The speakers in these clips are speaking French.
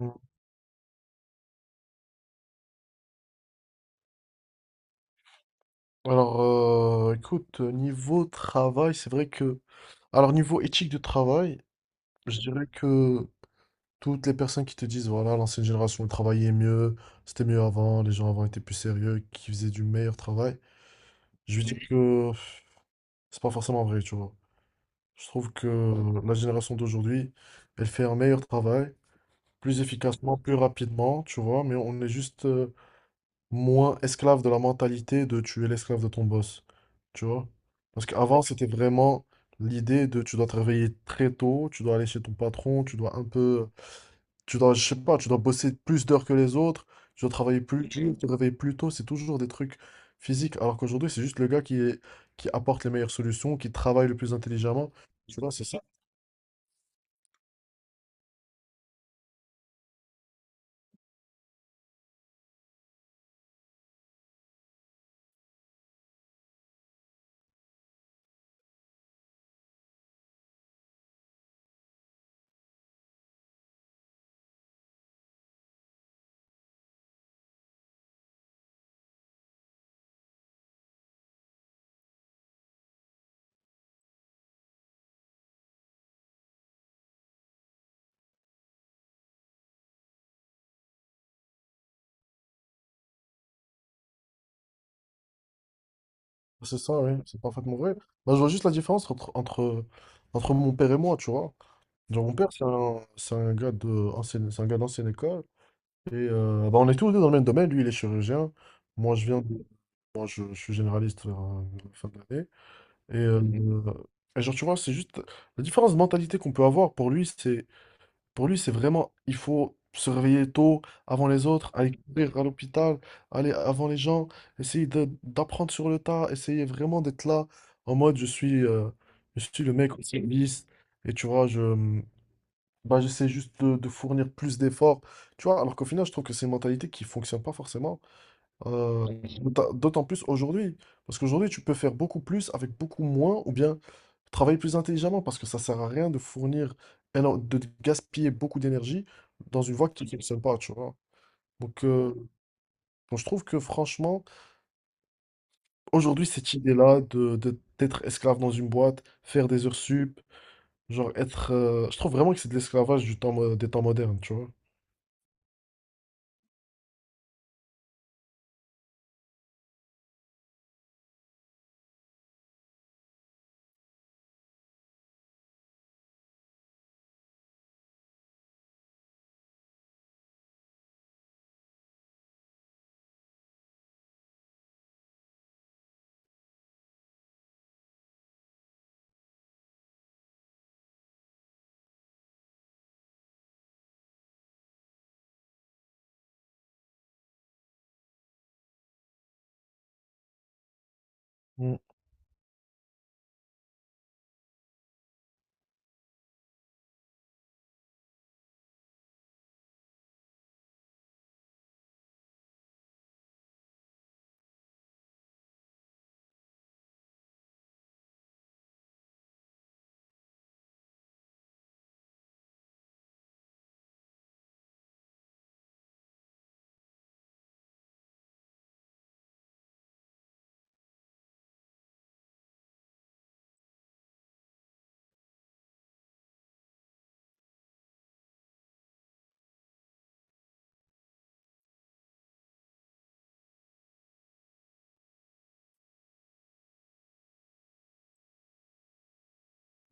Mm. Alors, écoute, niveau travail, c'est vrai que. Alors, niveau éthique de travail, je dirais que toutes les personnes qui te disent, voilà, l'ancienne génération travaillait mieux, c'était mieux avant, les gens avant étaient plus sérieux, qui faisaient du meilleur travail, je lui dis que pff, c'est pas forcément vrai, tu vois. Je trouve que la génération d'aujourd'hui, elle fait un meilleur travail, plus efficacement, plus rapidement, tu vois, mais on est juste, moins esclave de la mentalité de tu es l'esclave de ton boss. Tu vois? Parce qu'avant, c'était vraiment l'idée de tu dois travailler très tôt, tu dois aller chez ton patron, tu dois un peu. Tu dois, je sais pas, tu dois bosser plus d'heures que les autres, tu dois travailler plus dur, te réveiller plus tôt, c'est toujours des trucs physiques. Alors qu'aujourd'hui, c'est juste le gars qui est, qui apporte les meilleures solutions, qui travaille le plus intelligemment. Tu vois, c'est ça. C'est ça, oui, c'est parfaitement vrai. Moi, je vois juste la différence entre mon père et moi, tu vois. Genre, mon père, c'est un gars d'ancienne école. Bah, on est tous les deux dans le même domaine. Lui, il est chirurgien. Moi, je viens de, moi, je suis généraliste vers la fin de l'année. Mhm. Et genre, tu vois, c'est juste la différence de mentalité qu'on peut avoir. Pour lui, c'est vraiment, il faut se réveiller tôt, avant les autres, aller courir à l'hôpital, aller avant les gens, essayer d'apprendre sur le tas, essayer vraiment d'être là en mode, je suis le mec au service. Et tu vois, bah, j'essaie juste de fournir plus d'efforts, tu vois, alors qu'au final, je trouve que c'est une mentalité qui fonctionne pas forcément, euh, d'autant plus aujourd'hui, parce qu'aujourd'hui, tu peux faire beaucoup plus avec beaucoup moins, ou bien travailler plus intelligemment, parce que ça sert à rien de gaspiller beaucoup d'énergie dans une voie qui ne fonctionne pas, tu vois. Donc, euh, donc, je trouve que franchement, aujourd'hui, cette idée-là de, d'être esclave dans une boîte, faire des heures sup, je trouve vraiment que c'est de l'esclavage du temps, des temps modernes, tu vois.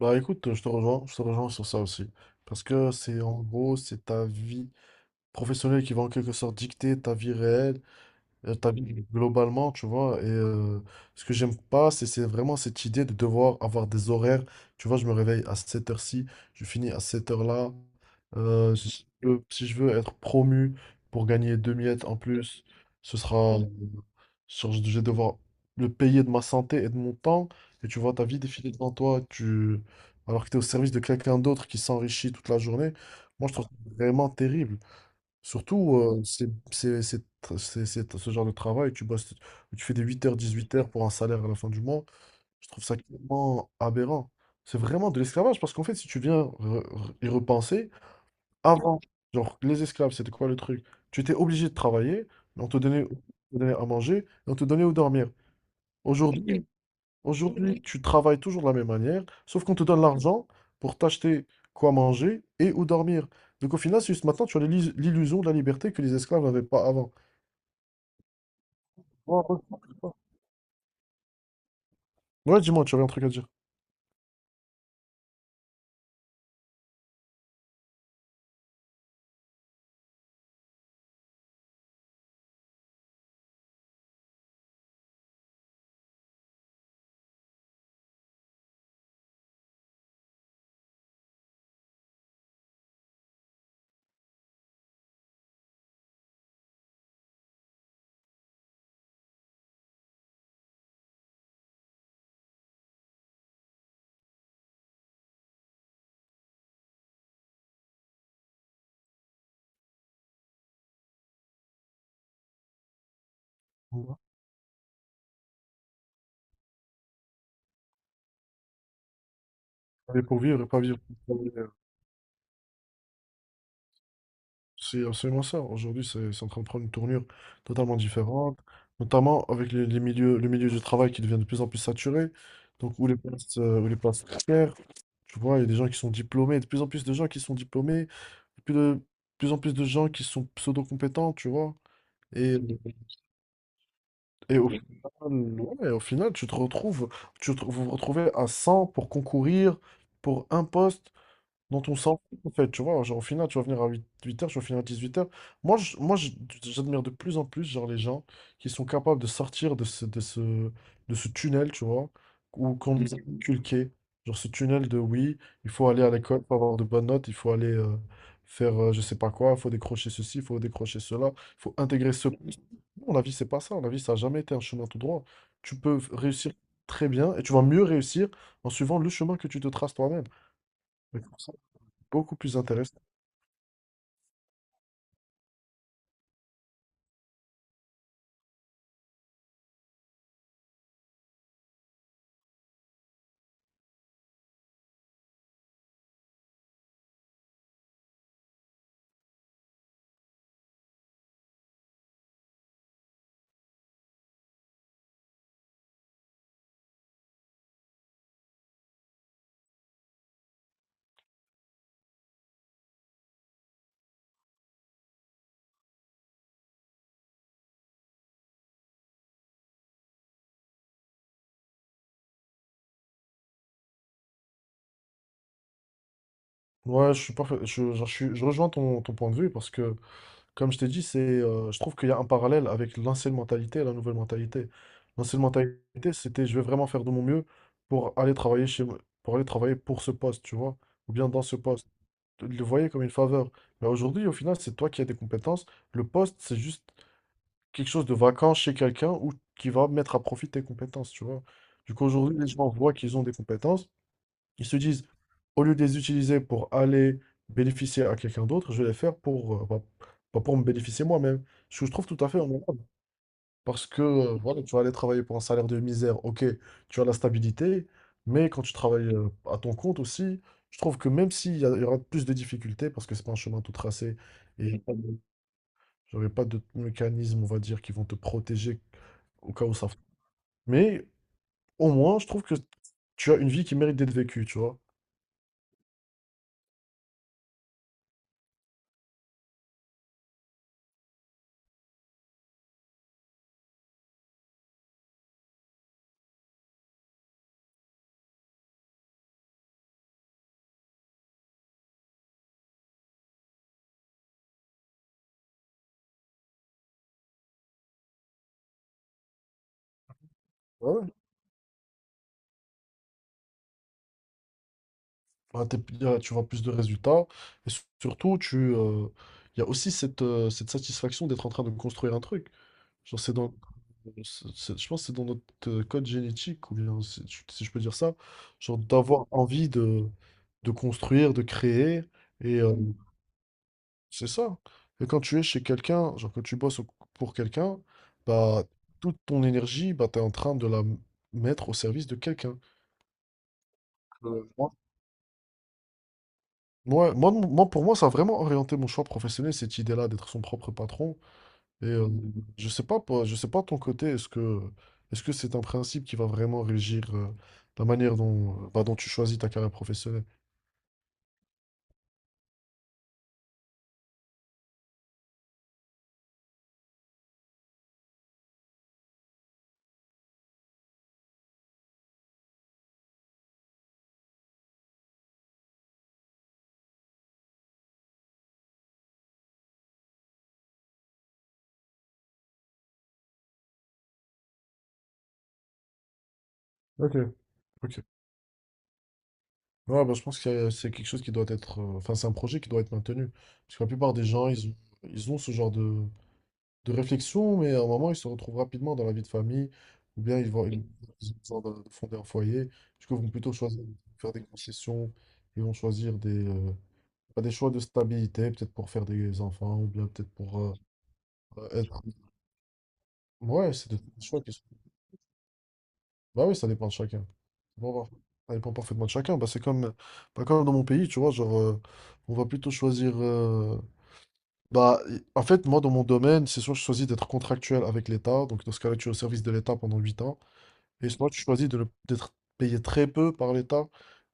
Bah écoute, je te rejoins sur ça aussi. Parce que c'est en gros, c'est ta vie professionnelle qui va en quelque sorte dicter ta vie réelle, ta vie globalement, tu vois. Et ce que j'aime pas, c'est vraiment cette idée de devoir avoir des horaires. Tu vois, je me réveille à cette heure-ci, je finis à cette heure-là. Si je veux être promu pour gagner deux miettes en plus, ce sera, euh, je vais devoir le payer de ma santé et de mon temps. Et tu vois ta vie défiler devant toi, alors que tu es au service de quelqu'un d'autre qui s'enrichit toute la journée. Moi, je trouve ça vraiment terrible. Surtout, c'est ce genre de travail, tu bosses, tu fais des 8 heures, 18 heures pour un salaire à la fin du mois. Je trouve ça tellement aberrant. C'est vraiment de l'esclavage parce qu'en fait, si tu viens y repenser, avant, genre, les esclaves, c'était quoi le truc? Tu étais obligé de travailler, mais on te donnait à manger et on te donnait où dormir. Aujourd'hui, Aujourd'hui, tu travailles toujours de la même manière, sauf qu'on te donne l'argent pour t'acheter quoi manger et où dormir. Donc au final, c'est juste maintenant, tu as l'illusion de la liberté que les esclaves n'avaient pas avant. Ouais, ouais. Ouais, dis-moi, tu avais un truc à dire. Ouais. Travailler pour vivre et pas vivre pour travailler. C'est absolument ça. Aujourd'hui, c'est en train de prendre une tournure totalement différente, notamment avec le milieu du travail qui devient de plus en plus saturé, donc où les places précaires, tu vois, il y a des gens qui sont diplômés, de plus en plus de gens qui sont diplômés, plus de plus en plus de gens qui sont pseudo-compétents, tu vois. Et, et au final, ouais, au final, tu te retrouves, tu te- vous vous retrouvez à 100 pour concourir pour un poste dont on s'en fout, en fait, tu vois, genre, au final, tu vas venir à 8h tu vas finir à 18h. Moi, je- moi je- j'admire de plus en plus, genre, les gens qui sont capables de sortir de ce, de ce tunnel, tu vois, ou qu'on nous a inculqué, genre, ce tunnel de, oui, il faut aller à l'école pour avoir de bonnes notes, il faut aller faire, je sais pas quoi, il faut décrocher ceci, il faut décrocher cela, il faut intégrer ce. Non, la vie, c'est pas ça, la vie, ça n'a jamais été un chemin tout droit. Tu peux réussir très bien, et tu vas mieux réussir en suivant le chemin que tu te traces toi-même. Beaucoup plus intéressant. Ouais, je suis parfait. Je, genre, je rejoins ton point de vue parce que, comme je t'ai dit, c'est, je trouve qu'il y a un parallèle avec l'ancienne mentalité et la nouvelle mentalité. L'ancienne mentalité, c'était je vais vraiment faire de mon mieux pour aller pour aller travailler pour ce poste, tu vois, ou bien dans ce poste. Tu le voyais comme une faveur. Mais aujourd'hui, au final, c'est toi qui as des compétences. Le poste, c'est juste quelque chose de vacant chez quelqu'un ou qui va mettre à profit tes compétences, tu vois. Du coup, aujourd'hui, les gens voient qu'ils ont des compétences, ils se disent, au lieu de les utiliser pour aller bénéficier à quelqu'un d'autre, je vais les faire pour, bah, pour me bénéficier moi-même. Ce que je trouve tout à fait honorable. Parce que, voilà, tu vas aller travailler pour un salaire de misère, ok, tu as la stabilité, mais quand tu travailles à ton compte aussi, je trouve que même s'il y, il y aura plus de difficultés, parce que c'est pas un chemin tout tracé, et Genre, pas de mécanismes, on va dire, qui vont te protéger au cas où ça. Mais au moins, je trouve que tu as une vie qui mérite d'être vécue, tu vois. Ouais, ouais. Tu vois plus de résultats. Et surtout, tu, il y a aussi cette, cette satisfaction d'être en train de construire un truc. Genre, c'est dans, je pense que c'est dans notre code génétique, ou bien, si je peux dire ça, genre d'avoir envie de construire, de créer. Et Mm. c'est ça. Et quand tu es chez quelqu'un, genre quand pour quelqu'un, bah, toute ton énergie, bah, tu es en train de mettre au service de quelqu'un. Euh, moi, pour moi, ça a vraiment orienté mon choix professionnel, cette idée-là d'être son propre patron. Mhm. je sais pas, je sais pas de ton côté, est-ce que c'est un principe qui va vraiment régir la manière dont, bah, dont tu choisis ta carrière professionnelle? Ok, ok. Ouais, bah, je pense que c'est quelque chose qui doit être, enfin, c'est un projet qui doit être maintenu. Parce que la plupart des gens, ils ont ce genre de, réflexion, mais à un moment, ils se retrouvent rapidement dans la vie de famille, ou bien ils vont, ils Oui. Ils ont besoin de, fonder un foyer. Du coup, ils vont plutôt choisir de faire des concessions, ils vont choisir bah, des choix de stabilité, peut-être pour faire des enfants, ou bien peut-être pour être. Ouais, c'est des choix qui sont. Bah oui, ça dépend de chacun. Dépend par- ça dépend parfaitement de chacun. Bah, comme dans mon pays, tu vois, genre, on va plutôt choisir. Bah, en fait, moi, dans mon domaine, c'est soit je choisis d'être contractuel avec l'État, donc dans ce cas-là, tu es au service de l'État pendant 8 ans. Et sinon, tu choisis de d'être payé très peu par l'État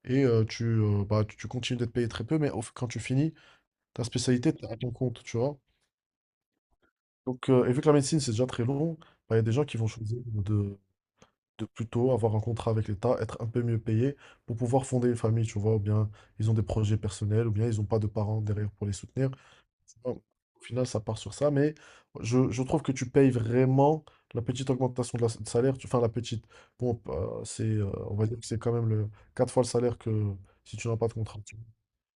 et bah, tu continues d'être payé très peu, mais quand tu finis, ta spécialité, t'es à ton compte, tu vois. Donc, et vu que la médecine, c'est déjà très long, bah, il y a des gens qui vont choisir de, plutôt avoir un contrat avec l'État, être un peu mieux payé pour pouvoir fonder une famille, tu vois, ou bien ils ont des projets personnels, ou bien ils n'ont pas de parents derrière pour les soutenir. Bon, au final, ça part sur ça, mais je trouve que tu payes vraiment la petite augmentation de salaire. Tu, enfin, la petite. Bon, on va dire que c'est quand même le quatre fois le salaire que si tu n'as pas de contrat, tu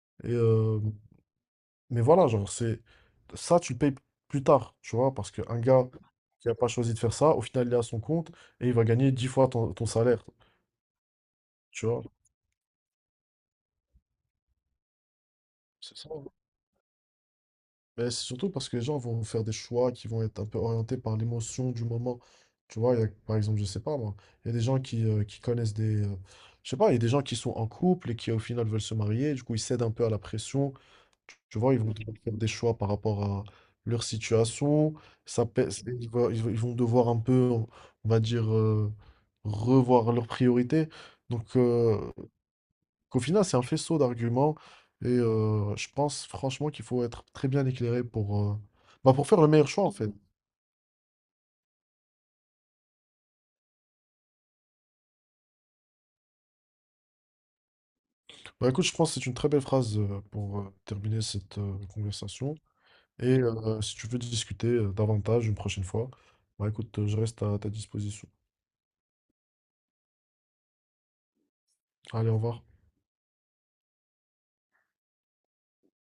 vois. Et, mais voilà, genre, c'est, ça, tu le payes plus tard, tu vois, parce qu'un gars qui n'a pas choisi de faire ça, au final, il est à son compte et il va gagner 10 fois ton salaire, tu vois. C'est ça. Mais c'est surtout parce que les gens vont faire des choix qui vont être un peu orientés par l'émotion du moment. Tu vois, il y a, par exemple, je sais pas moi, il y a des gens qui connaissent des. Je sais pas, il y a des gens qui sont en couple et qui au final veulent se marier, du coup ils cèdent un peu à la pression. Tu vois, ils vont devoir faire des choix par rapport à leur situation. Ça pèse- ils vont, ils vont- ils vont devoir un peu, on va dire, revoir leurs priorités. Donc, qu'au final, c'est un faisceau d'arguments et je pense franchement qu'il faut être très bien éclairé pour, bah, pour faire le meilleur choix en fait. Bah, écoute, je pense que c'est une très belle phrase pour terminer cette conversation et si tu veux discuter davantage une prochaine fois, bah, écoute, je reste à ta disposition. Allez, au revoir.